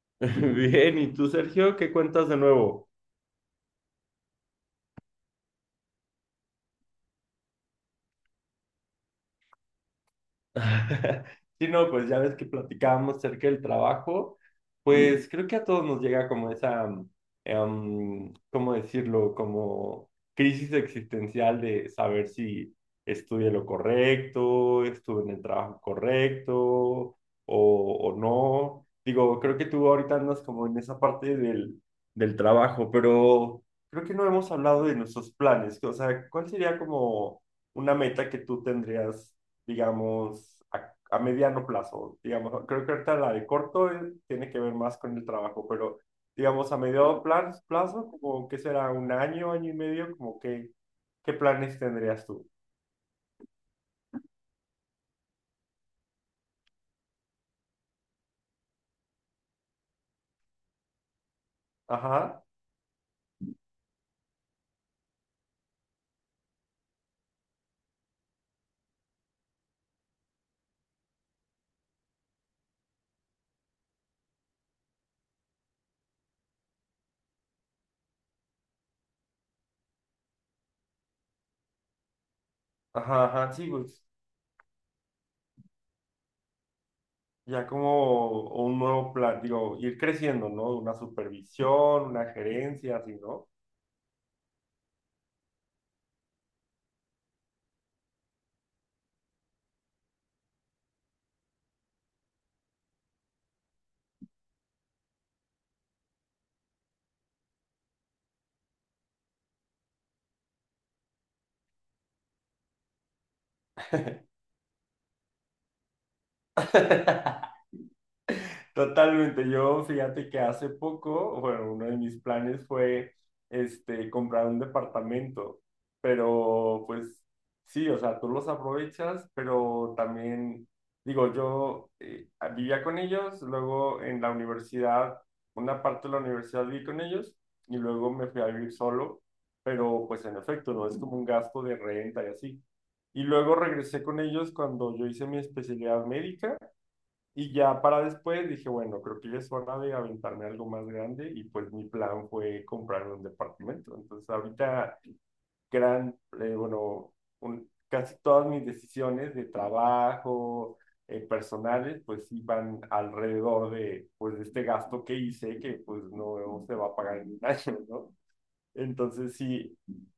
Bien, ¿y tú, Sergio, qué cuentas de nuevo? Sí, no, pues ya ves que platicábamos acerca del trabajo, pues creo que a todos nos llega como esa, ¿cómo decirlo? Como crisis existencial de saber si estudié lo correcto, estuve en el trabajo correcto o no. Digo, creo que tú ahorita andas como en esa parte del trabajo, pero creo que no hemos hablado de nuestros planes. O sea, ¿cuál sería como una meta que tú tendrías? Digamos, a mediano plazo. Digamos, creo que ahorita la de corto tiene que ver más con el trabajo, pero digamos, a mediano plazo, plazo como que será un año, año y medio, como que, ¿qué planes tendrías tú? Ajá, ajá, sí, pues ya como un nuevo plan, digo, ir creciendo, ¿no? Una supervisión, una gerencia, así, ¿no? Totalmente. Yo, fíjate que hace poco, bueno, uno de mis planes fue, este, comprar un departamento, pero pues sí, o sea, tú los aprovechas, pero también, digo, yo vivía con ellos, luego en la universidad, una parte de la universidad viví con ellos y luego me fui a vivir solo, pero pues en efecto, no es como un gasto de renta y así. Y luego regresé con ellos cuando yo hice mi especialidad médica y ya para después dije, bueno, creo que ya es hora de aventarme algo más grande y pues mi plan fue comprar un departamento. Entonces ahorita gran, eh, bueno, casi todas mis decisiones de trabajo, personales, pues iban alrededor de, pues, de este gasto que hice que pues no se va a pagar en un año, ¿no? Entonces, sí,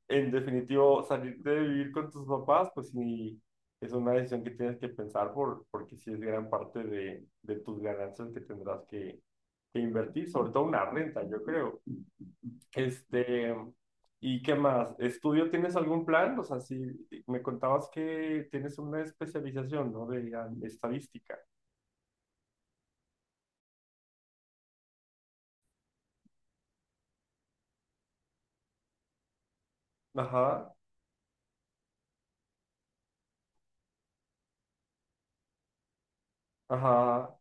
en definitivo, salirte de vivir con tus papás, pues sí, es una decisión que tienes que pensar porque sí es gran parte de tus ganancias que tendrás que invertir, sobre todo una renta, yo creo. Este, ¿y qué más? ¿Estudio tienes algún plan? O sea, si me contabas que tienes una especialización, ¿no? De ah, estadística. Ajá, ajá,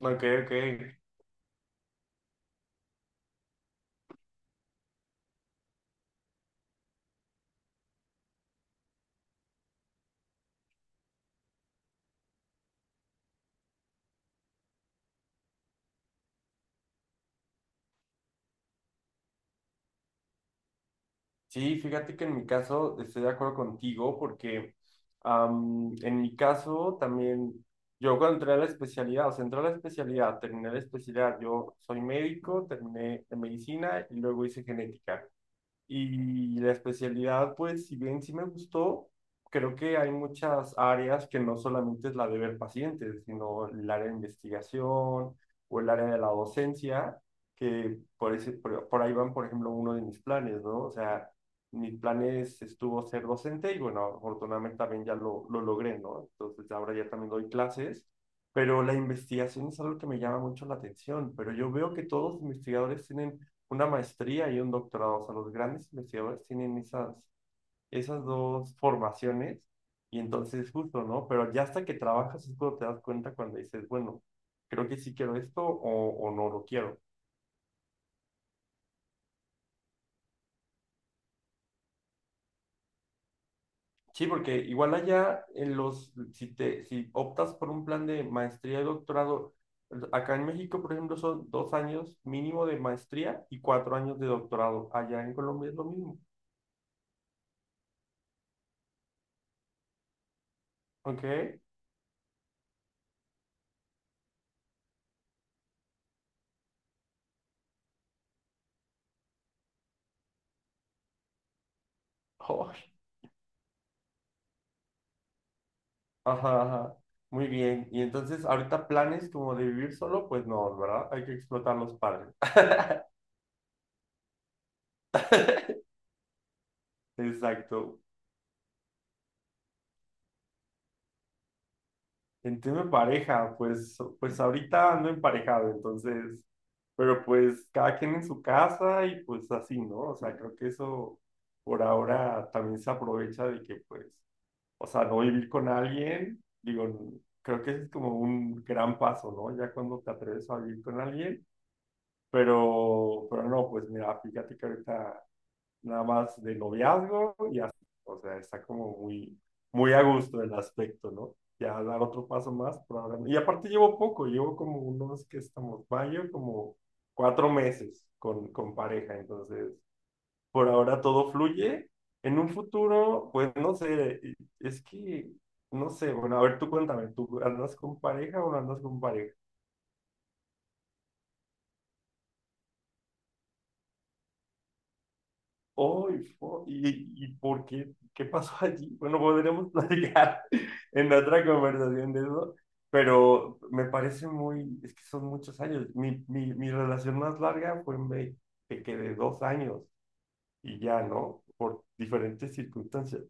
ok, ok. Sí, fíjate que en mi caso estoy de acuerdo contigo porque en mi caso también, yo cuando entré a la especialidad, o sea, entré a la especialidad, terminé la especialidad, yo soy médico, terminé en medicina y luego hice genética. Y la especialidad, pues, si bien sí me gustó, creo que hay muchas áreas que no solamente es la de ver pacientes, sino el área de investigación o el área de la docencia, que por ahí van, por ejemplo, uno de mis planes, ¿no? O sea, mis planes estuvo ser docente y bueno, afortunadamente también ya lo logré, ¿no? Entonces ahora ya también doy clases, pero la investigación es algo que me llama mucho la atención, pero yo veo que todos los investigadores tienen una maestría y un doctorado. O sea, los grandes investigadores tienen esas dos formaciones y entonces justo, ¿no? Pero ya hasta que trabajas es cuando te das cuenta cuando dices, bueno, creo que sí quiero esto o no lo quiero. Sí, porque igual allá en los, si te, si optas por un plan de maestría y doctorado, acá en México, por ejemplo, son dos años mínimo de maestría y cuatro años de doctorado. Allá en Colombia es lo mismo. ¿Ok? Oh. Ajá, ajá. Muy bien. Y entonces, ahorita planes como de vivir solo, pues no, ¿verdad? Hay que explotar los padres. Exacto. En tema de pareja, pues, pues ahorita ando emparejado, entonces, pero pues cada quien en su casa y pues así, ¿no? O sea, creo que eso por ahora también se aprovecha de que, pues, o sea, no vivir con alguien, digo, creo que ese es como un gran paso, ¿no? Ya cuando te atreves a vivir con alguien. Pero no, pues mira, fíjate que ahorita nada más de noviazgo y así, o sea, está como muy a gusto el aspecto, ¿no? Ya dar otro paso más, probablemente. Y aparte llevo poco, llevo como unos que estamos, mayo, como cuatro meses con pareja, entonces por ahora todo fluye. En un futuro, pues no sé, es que, no sé, bueno, a ver, tú cuéntame, ¿tú andas con pareja o no andas con pareja? Hoy, fo- y por qué? ¿Qué pasó allí? Bueno, podremos platicar en otra conversación de eso, pero me parece muy, es que son muchos años. Mi relación más larga fue en ve- que quedé dos años y ya, ¿no? Por diferentes circunstancias.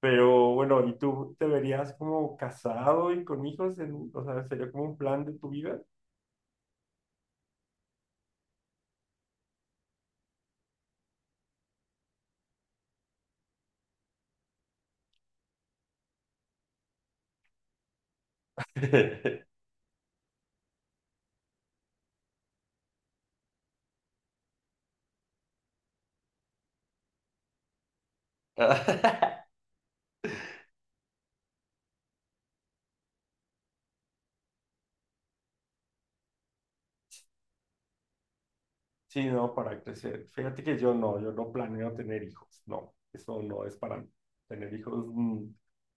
Pero bueno, ¿y tú te verías como casado y con hijos? En, o sea, ¿sería como un plan de tu vida? Sí, no, para crecer. Fíjate que yo no planeo tener hijos, no, eso no es para mí. Tener hijos,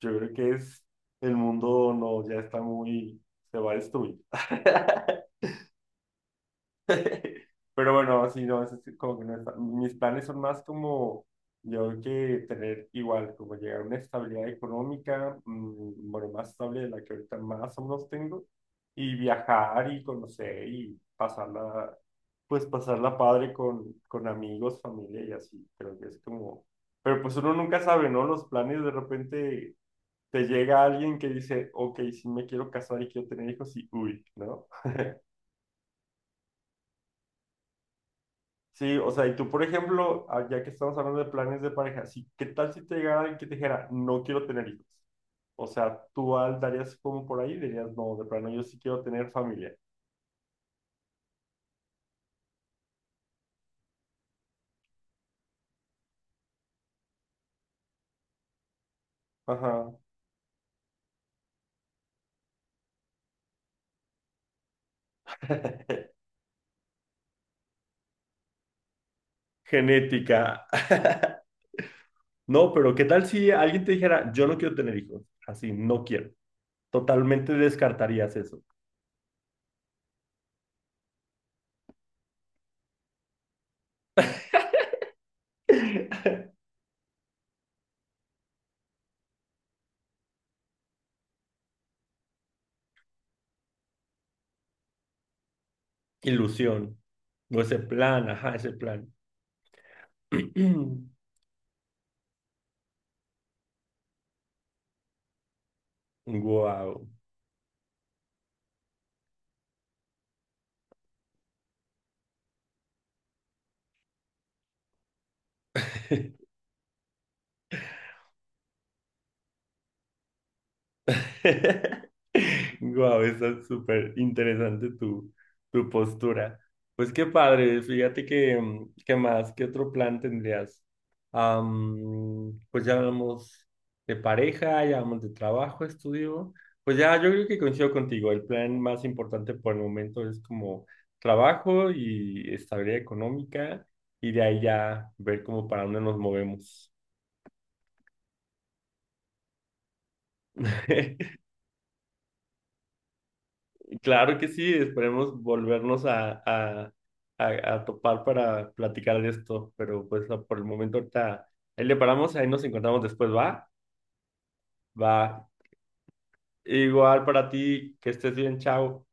yo creo que es, el mundo no, ya está muy, se va a destruir. Pero bueno, sí, no, eso sí, como que no está. Mis planes son más como, yo creo que tener igual, como llegar a una estabilidad económica, bueno, más estable de la que ahorita más o menos tengo, y viajar y conocer y pasarla, pues pasarla padre con amigos, familia y así. Creo que es como, pero pues uno nunca sabe, ¿no? Los planes de repente te llega alguien que dice, ok, si me quiero casar y quiero tener hijos y uy, ¿no? Sí, o sea, y tú, por ejemplo, ah, ya que estamos hablando de planes de pareja, sí, ¿qué tal si te llegara alguien que te dijera, no quiero tener hijos? O sea, tú al darías como por ahí, dirías, no, de plano, yo sí quiero tener familia. Ajá. Genética. No, pero ¿qué tal si alguien te dijera, yo no quiero tener hijos? Así, no quiero. Totalmente descartarías eso. Ilusión. O ese plan, ajá, ese plan. Wow. Guau, está súper interesante tu postura. Pues qué padre, fíjate que, ¿qué más? ¿Qué otro plan tendrías? Pues ya hablamos de pareja, ya hablamos de trabajo, estudio. Pues ya, yo creo que coincido contigo. El plan más importante por el momento es como trabajo y estabilidad económica, y de ahí ya ver como para dónde nos movemos. Claro que sí, esperemos volvernos a topar para platicar de esto, pero pues no, por el momento ahorita ahí le paramos, ahí nos encontramos después, ¿va? Va. Igual para ti, que estés bien, chao.